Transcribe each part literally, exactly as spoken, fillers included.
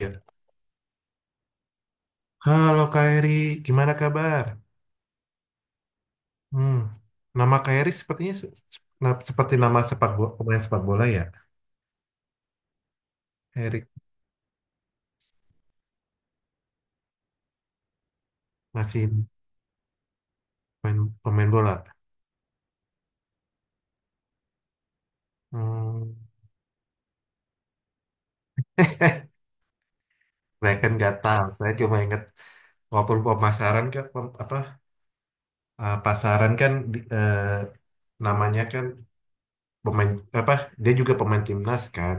Ya. Halo Kairi, gimana kabar? Hmm, nama Kairi sepertinya se- se- na- seperti nama sepak bo- pemain sepak bola ya. Erik masih pemain, pemain bola. Hmm. Saya kan nggak tahu. Saya cuma ingat walaupun pemasaran kan pem- apa eh, pasaran kan di- eh, namanya kan pemain apa dia juga pemain timnas kan.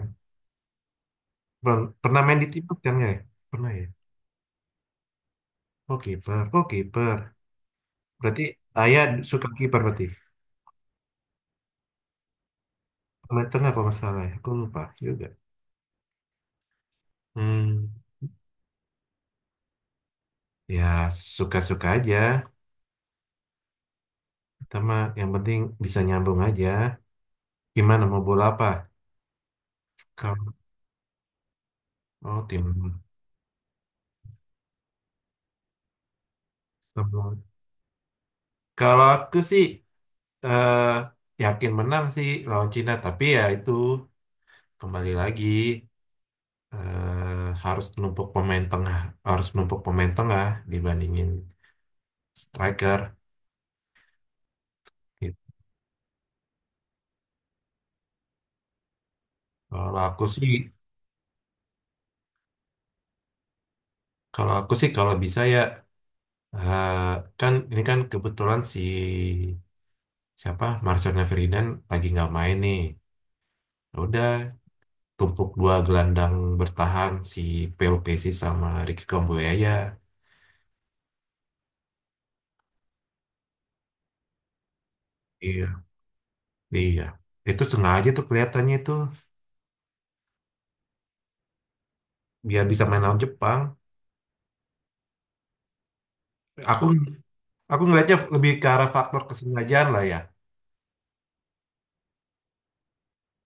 Per- Pernah main di timnas kan nggak ya? Pernah ya. Oh kiper, oh kiper. Berarti ayah suka kiper berarti. Meter apa masalah ya? Aku lupa juga. Hmm, ya suka-suka aja. Pertama, yang penting bisa nyambung aja. Gimana mau bola apa? Kalau oh timun. Timun. Kalau aku sih eh, yakin menang sih lawan Cina, tapi ya itu kembali lagi, eh, harus numpuk pemain tengah, harus numpuk pemain tengah dibandingin striker. Gitu. Kalau aku sih, kalau aku sih kalau bisa ya. Eh, Kan ini kan kebetulan si siapa Marcelnya Ferdinand lagi nggak main nih. Ya udah, tumpuk dua gelandang bertahan si P L P C sama Ricky Kambuaya. Iya, iya. Itu sengaja tuh kelihatannya itu biar bisa main lawan Jepang. Aku aku ngelihatnya lebih ke arah faktor kesengajaan lah ya.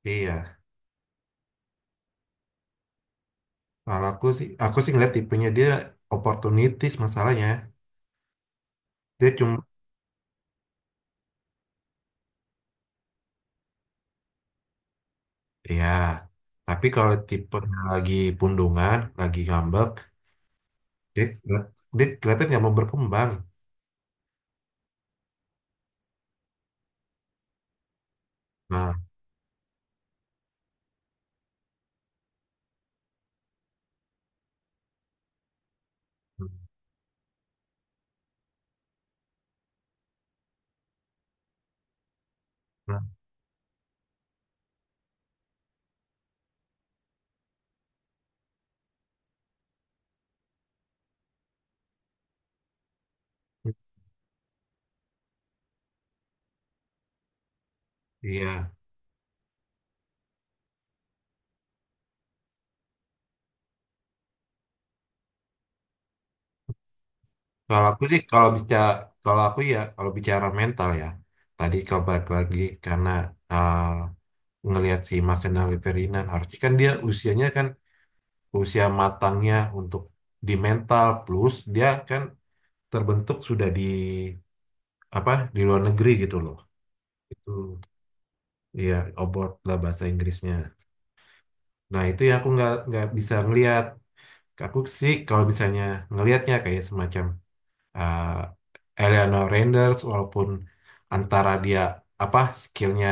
Iya. Kalau aku sih aku sih ngeliat tipenya dia oportunitis masalahnya. Dia cuma. Iya, tapi kalau tipe lagi pundungan, lagi ngambek, dia, dia kelihatan nggak mau berkembang. Nah, nah, iya. Kalau aku sih, kalau bisa, kalau aku ya, kalau bicara mental ya, tadi kalau balik lagi karena ah, ngelihat si Marcelo Ferdinand, harusnya kan dia usianya kan usia matangnya untuk di mental plus dia kan terbentuk sudah di apa di luar negeri gitu loh. Itu, iya, abroad lah bahasa Inggrisnya. Nah itu ya aku nggak nggak bisa ngelihat. Aku sih kalau misalnya ngelihatnya kayak semacam eh Eleanor Renders walaupun antara dia apa skillnya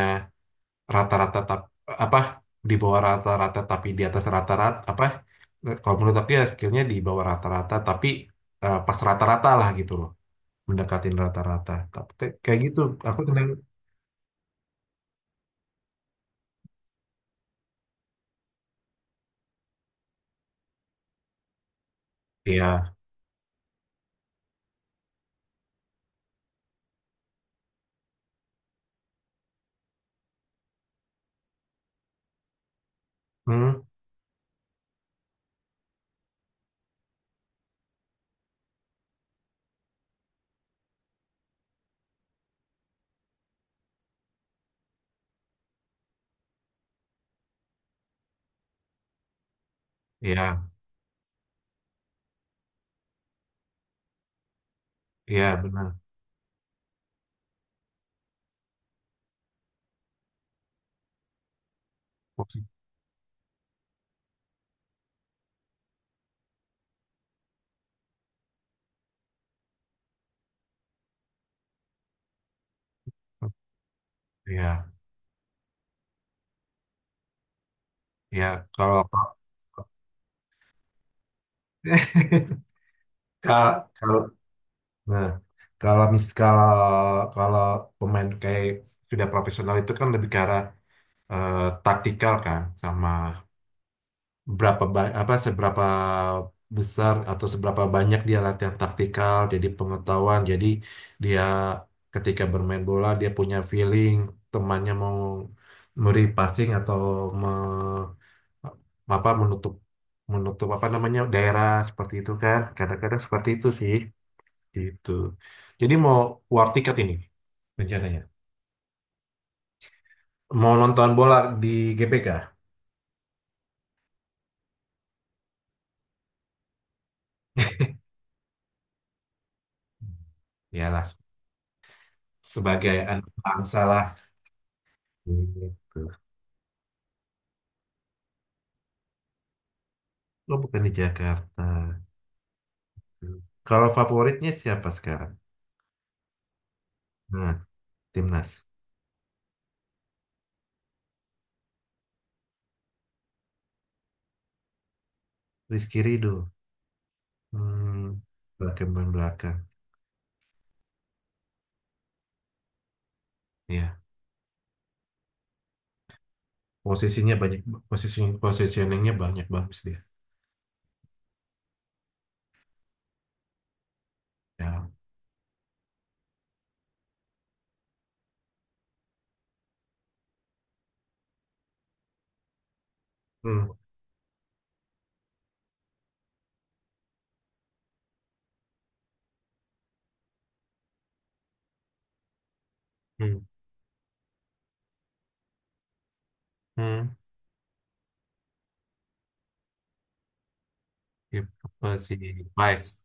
rata-rata tap, apa di bawah rata-rata tapi di atas rata-rata apa, eh, kalau menurut aku ya skillnya di bawah rata-rata tapi eh, pas rata-rata lah gitu loh, mendekatin rata-rata tapi te- kayak gitu aku seneng. Ya, hmm, ya, ya benar, iya, iya, kalau Ka- kalau, nah, kalau mis, kalau, kalau pemain kayak sudah profesional itu kan lebih ke arah eh, taktikal kan sama berapa ba- apa seberapa besar atau seberapa banyak dia latihan taktikal jadi pengetahuan jadi dia ketika bermain bola dia punya feeling temannya mau memberi passing atau me- apa menutup, menutup apa namanya daerah seperti itu kan kadang-kadang seperti itu sih. Gitu. Jadi mau war ticket ini rencananya. Mau nonton bola di G B K. Yalah, sebagai anak bangsa lah. Gitu. Lo bukan di Jakarta. Kalau favoritnya siapa sekarang? Nah, timnas. Rizky Ridho. Hmm, berkembang belakang. Ya, posisinya banyak, posisi positioningnya banyak bagus dia. Ya. Hmm. Hmm. Hmm. Gitu sih. Vice.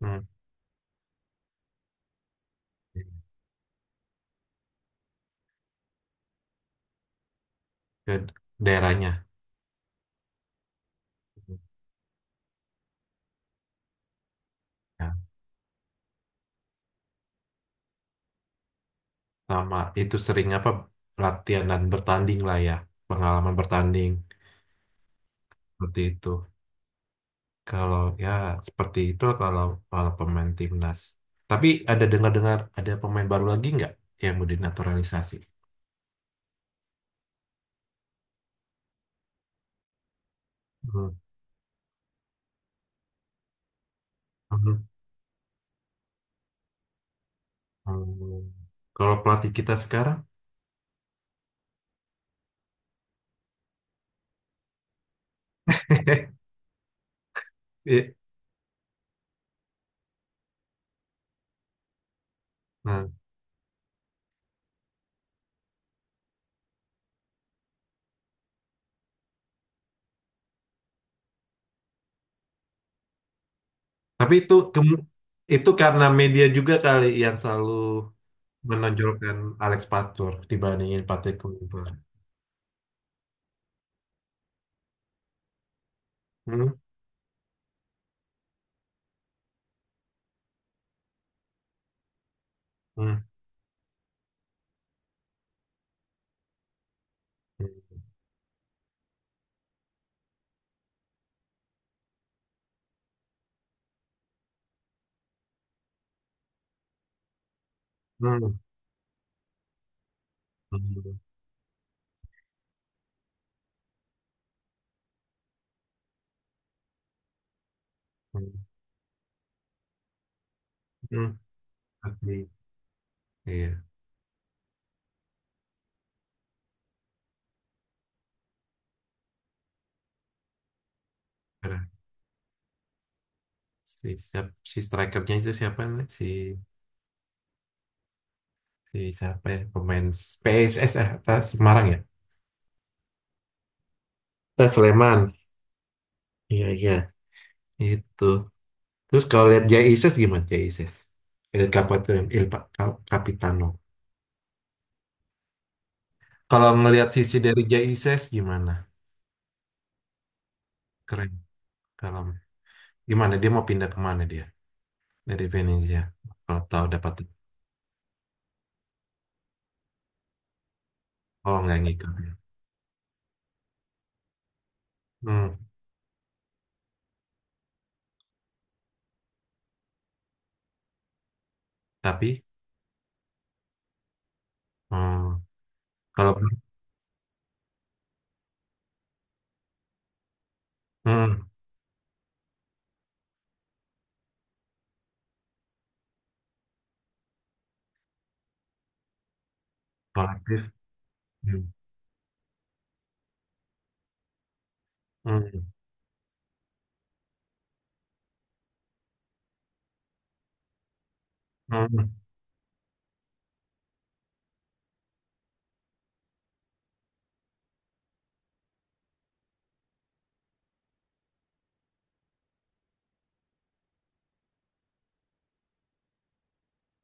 Hmm. Ke daerahnya. Ya, sama itu sering apa latihan dan bertanding lah ya, pengalaman bertanding seperti itu, kalau ya seperti itu, kalau kalau pemain timnas tapi ada dengar-dengar ada pemain baru lagi nggak yang mau dinaturalisasi. Hmm, hmm, hmm. Kalau pelatih kita sekarang. Iya. Nah, tapi itu kemu- itu karena media juga kali yang selalu menonjolkan Alex Pastur dibandingin Patrick Kluivert. Hmm, hmm, hmm, hmm. Hmm, hmm, asli. Iya, karena si siap si strikernya itu siapa nih? Si, si siapa ya? Pemain P S S, eh, atas Semarang ya? Eh, Sleman. Iya, iya. Itu. Terus kalau lihat Jay Isis gimana Jay Isis? El Capitano, El Pa- Cal- Capitano. Kalau ngelihat sisi dari Jay Isis gimana? Keren. Kalau gimana dia mau pindah kemana dia? Dari Venezia. Kalau tahu dapat, oh nggak ngikut. Hmm, tapi hmm, kalau hmm, proaktif hmm. Hmm. Hmm.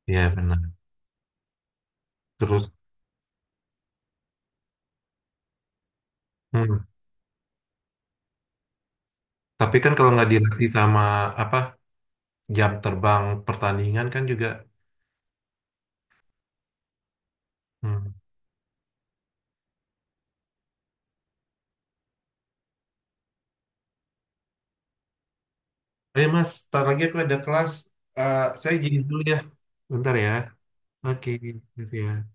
Ya benar, terus hmm. Tapi kan kalau nggak dilatih sama apa jam terbang pertandingan kan juga hmm. Eh mas, ntar lagi aku ada kelas. Eh, saya jadi dulu ya, bentar ya, oke, gitu ya.